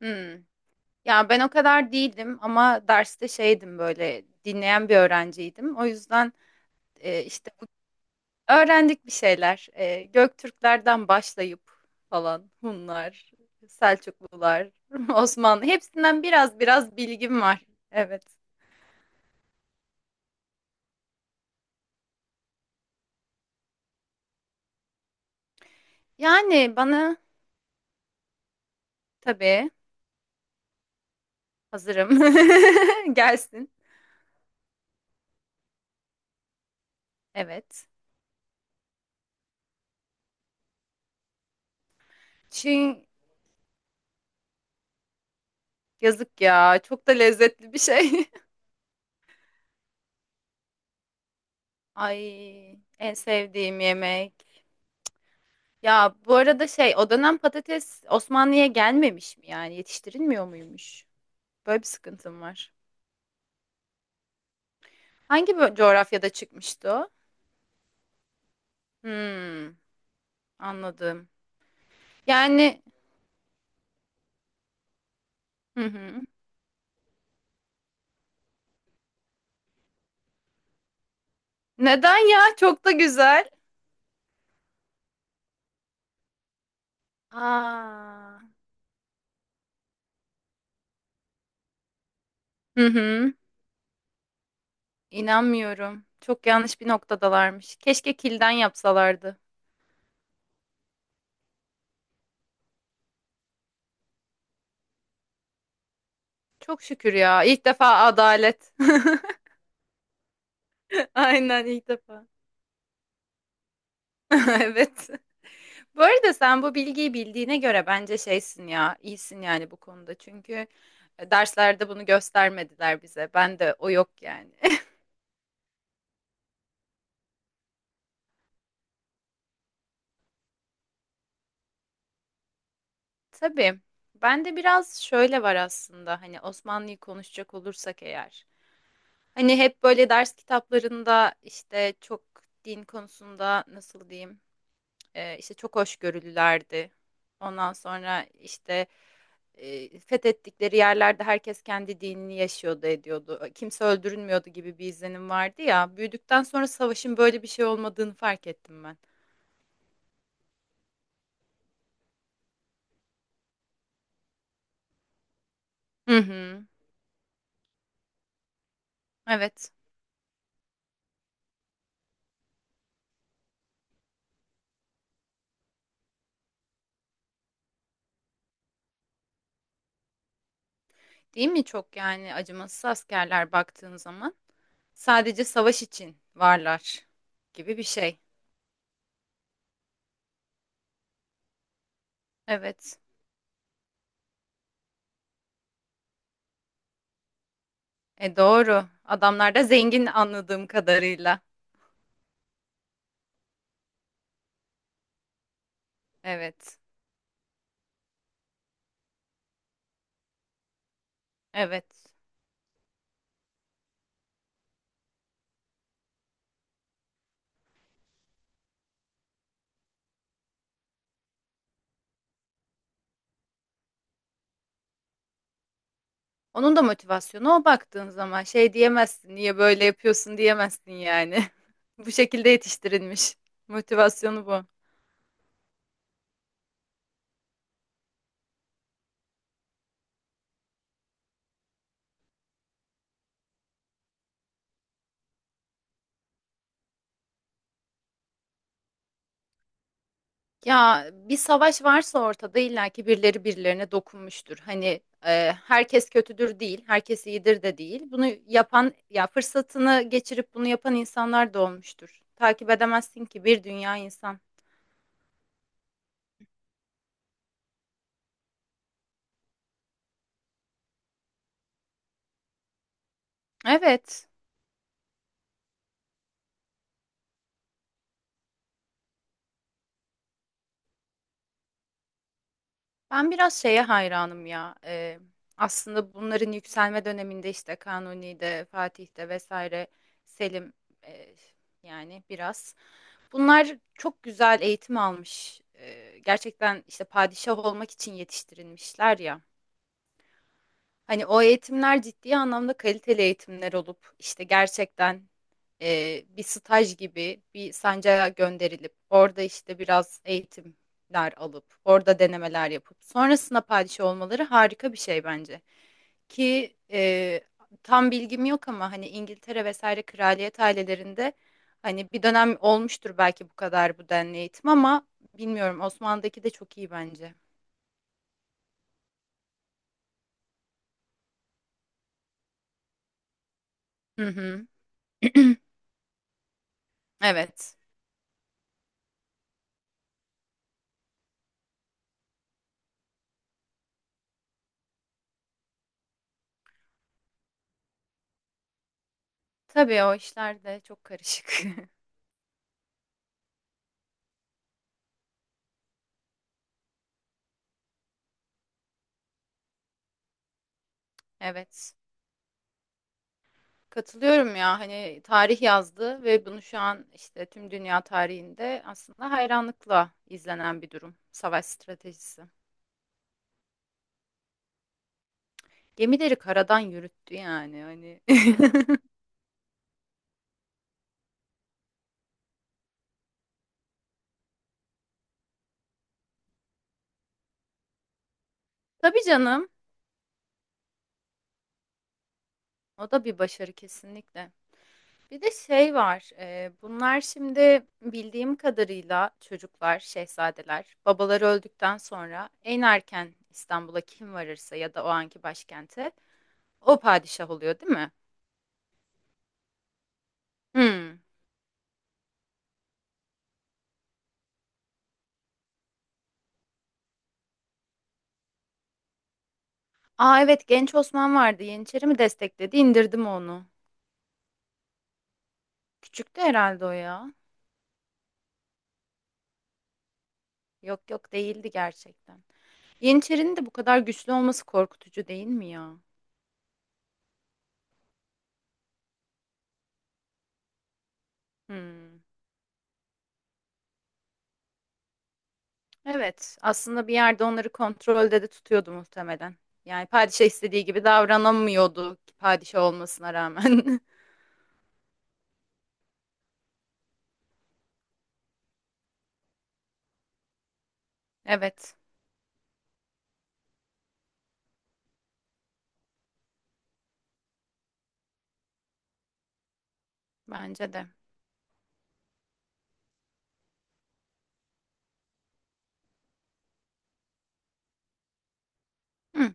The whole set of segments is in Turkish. Hmm. Ya ben o kadar değildim ama derste şeydim böyle dinleyen bir öğrenciydim. O yüzden e, işte bu- öğrendik bir şeyler. Göktürklerden başlayıp falan Hunlar, Selçuklular, Osmanlı hepsinden biraz bilgim var. Evet. Yani bana tabii. Hazırım. Gelsin. Evet. Çin yazık ya. Çok da lezzetli bir şey. Ay, en sevdiğim yemek. Ya bu arada şey o dönem patates Osmanlı'ya gelmemiş mi yani yetiştirilmiyor muymuş? Böyle bir sıkıntım var. Coğrafyada çıkmıştı o? Hmm, anladım. Yani, hı hı. Neden ya? Çok da güzel. Aa. Hı hı. İnanmıyorum. Çok yanlış bir noktadalarmış. Keşke kilden yapsalardı. Çok şükür ya. İlk defa adalet. Aynen, ilk defa. Evet. Bu arada sen bu bilgiyi bildiğine göre bence şeysin ya, iyisin yani bu konuda. Çünkü derslerde bunu göstermediler bize. Ben de o yok yani. Tabii. Ben de biraz şöyle var aslında. Hani Osmanlı'yı konuşacak olursak eğer, hani hep böyle ders kitaplarında işte çok din konusunda nasıl diyeyim? İşte çok hoşgörülülerdi. Ondan sonra işte fethettikleri yerlerde herkes kendi dinini yaşıyordu, ediyordu. Kimse öldürülmüyordu gibi bir izlenim vardı ya. Büyüdükten sonra savaşın böyle bir şey olmadığını fark ettim ben. Hı hı. Evet. Değil mi, çok yani acımasız askerler, baktığın zaman sadece savaş için varlar gibi bir şey. Evet. E doğru. Adamlar da zengin anladığım kadarıyla. Evet. Evet. Onun da motivasyonu o, baktığın zaman şey diyemezsin, niye böyle yapıyorsun diyemezsin yani. Bu şekilde yetiştirilmiş. Motivasyonu bu. Ya bir savaş varsa ortada illaki birileri birilerine dokunmuştur. Hani herkes kötüdür değil, herkes iyidir de değil. Bunu yapan, ya fırsatını geçirip bunu yapan insanlar da olmuştur. Takip edemezsin ki bir dünya insan. Evet. Ben biraz şeye hayranım ya. Aslında bunların yükselme döneminde işte Kanuni'de, Fatih'te vesaire Selim, e, yani biraz. Bunlar çok güzel eğitim almış. Gerçekten işte padişah olmak için yetiştirilmişler ya. Hani o eğitimler ciddi anlamda kaliteli eğitimler olup işte gerçekten bir staj gibi bir sancağa gönderilip orada işte biraz eğitimler alıp orada denemeler yapıp sonrasında padişah olmaları harika bir şey bence. Ki tam bilgim yok ama hani İngiltere vesaire kraliyet ailelerinde hani bir dönem olmuştur belki bu kadar bu denli eğitim ama bilmiyorum, Osmanlı'daki de çok iyi bence. Hı hı. Evet. Tabii o işler de çok karışık. Evet. Katılıyorum ya, hani tarih yazdı ve bunu şu an işte tüm dünya tarihinde aslında hayranlıkla izlenen bir durum. Savaş stratejisi. Gemileri karadan yürüttü yani hani. Tabii canım. O da bir başarı kesinlikle. Bir de şey var. Bunlar şimdi bildiğim kadarıyla çocuklar, şehzadeler, babaları öldükten sonra en erken İstanbul'a kim varırsa ya da o anki başkente, o padişah oluyor, değil mi? Hmm. Aa, evet, genç Osman vardı. Yeniçeri mi destekledi? İndirdim onu. Küçüktü herhalde o ya. Yok yok, değildi gerçekten. Yeniçerinin de bu kadar güçlü olması korkutucu değil mi ya? Hmm. Evet, aslında bir yerde onları kontrolde de tutuyordu muhtemelen. Yani padişah istediği gibi davranamıyordu ki padişah olmasına rağmen. Evet, bence de. Hmm.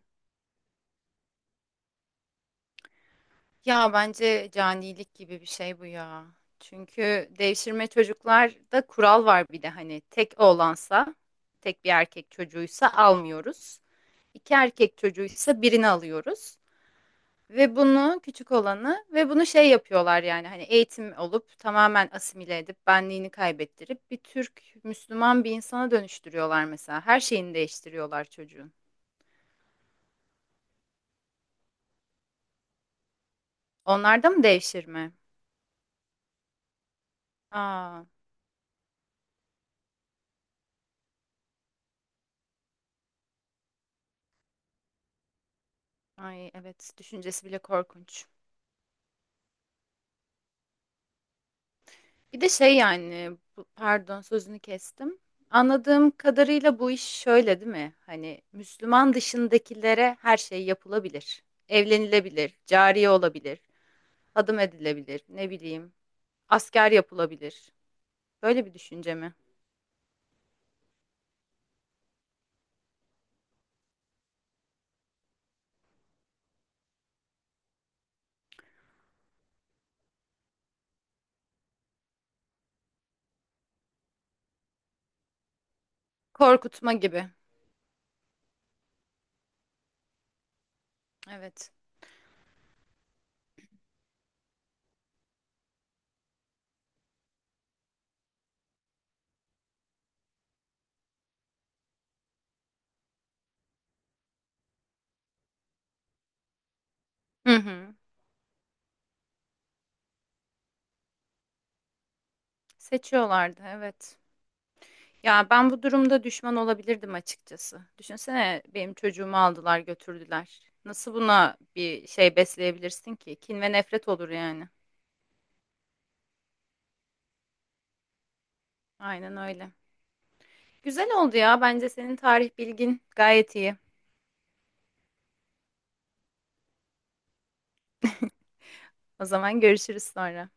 Ya bence canilik gibi bir şey bu ya. Çünkü devşirme çocuklarda kural var bir de, hani tek oğlansa, tek bir erkek çocuğuysa almıyoruz. İki erkek çocuğuysa birini alıyoruz. Ve bunu küçük olanı ve bunu şey yapıyorlar yani hani eğitim olup tamamen asimile edip benliğini kaybettirip bir Türk Müslüman bir insana dönüştürüyorlar mesela. Her şeyini değiştiriyorlar çocuğun. Onlarda mı devşirme? Aa, ay evet, düşüncesi bile korkunç. Bir de şey yani pardon, sözünü kestim. Anladığım kadarıyla bu iş şöyle değil mi? Hani Müslüman dışındakilere her şey yapılabilir. Evlenilebilir, cariye olabilir, adım edilebilir, ne bileyim, asker yapılabilir. Böyle bir düşünce mi? Korkutma gibi. Evet. Hı hı. Seçiyorlardı, evet. Ya ben bu durumda düşman olabilirdim açıkçası. Düşünsene benim çocuğumu aldılar götürdüler. Nasıl buna bir şey besleyebilirsin ki? Kin ve nefret olur yani. Aynen öyle. Güzel oldu ya. Bence senin tarih bilgin gayet iyi. O zaman görüşürüz sonra.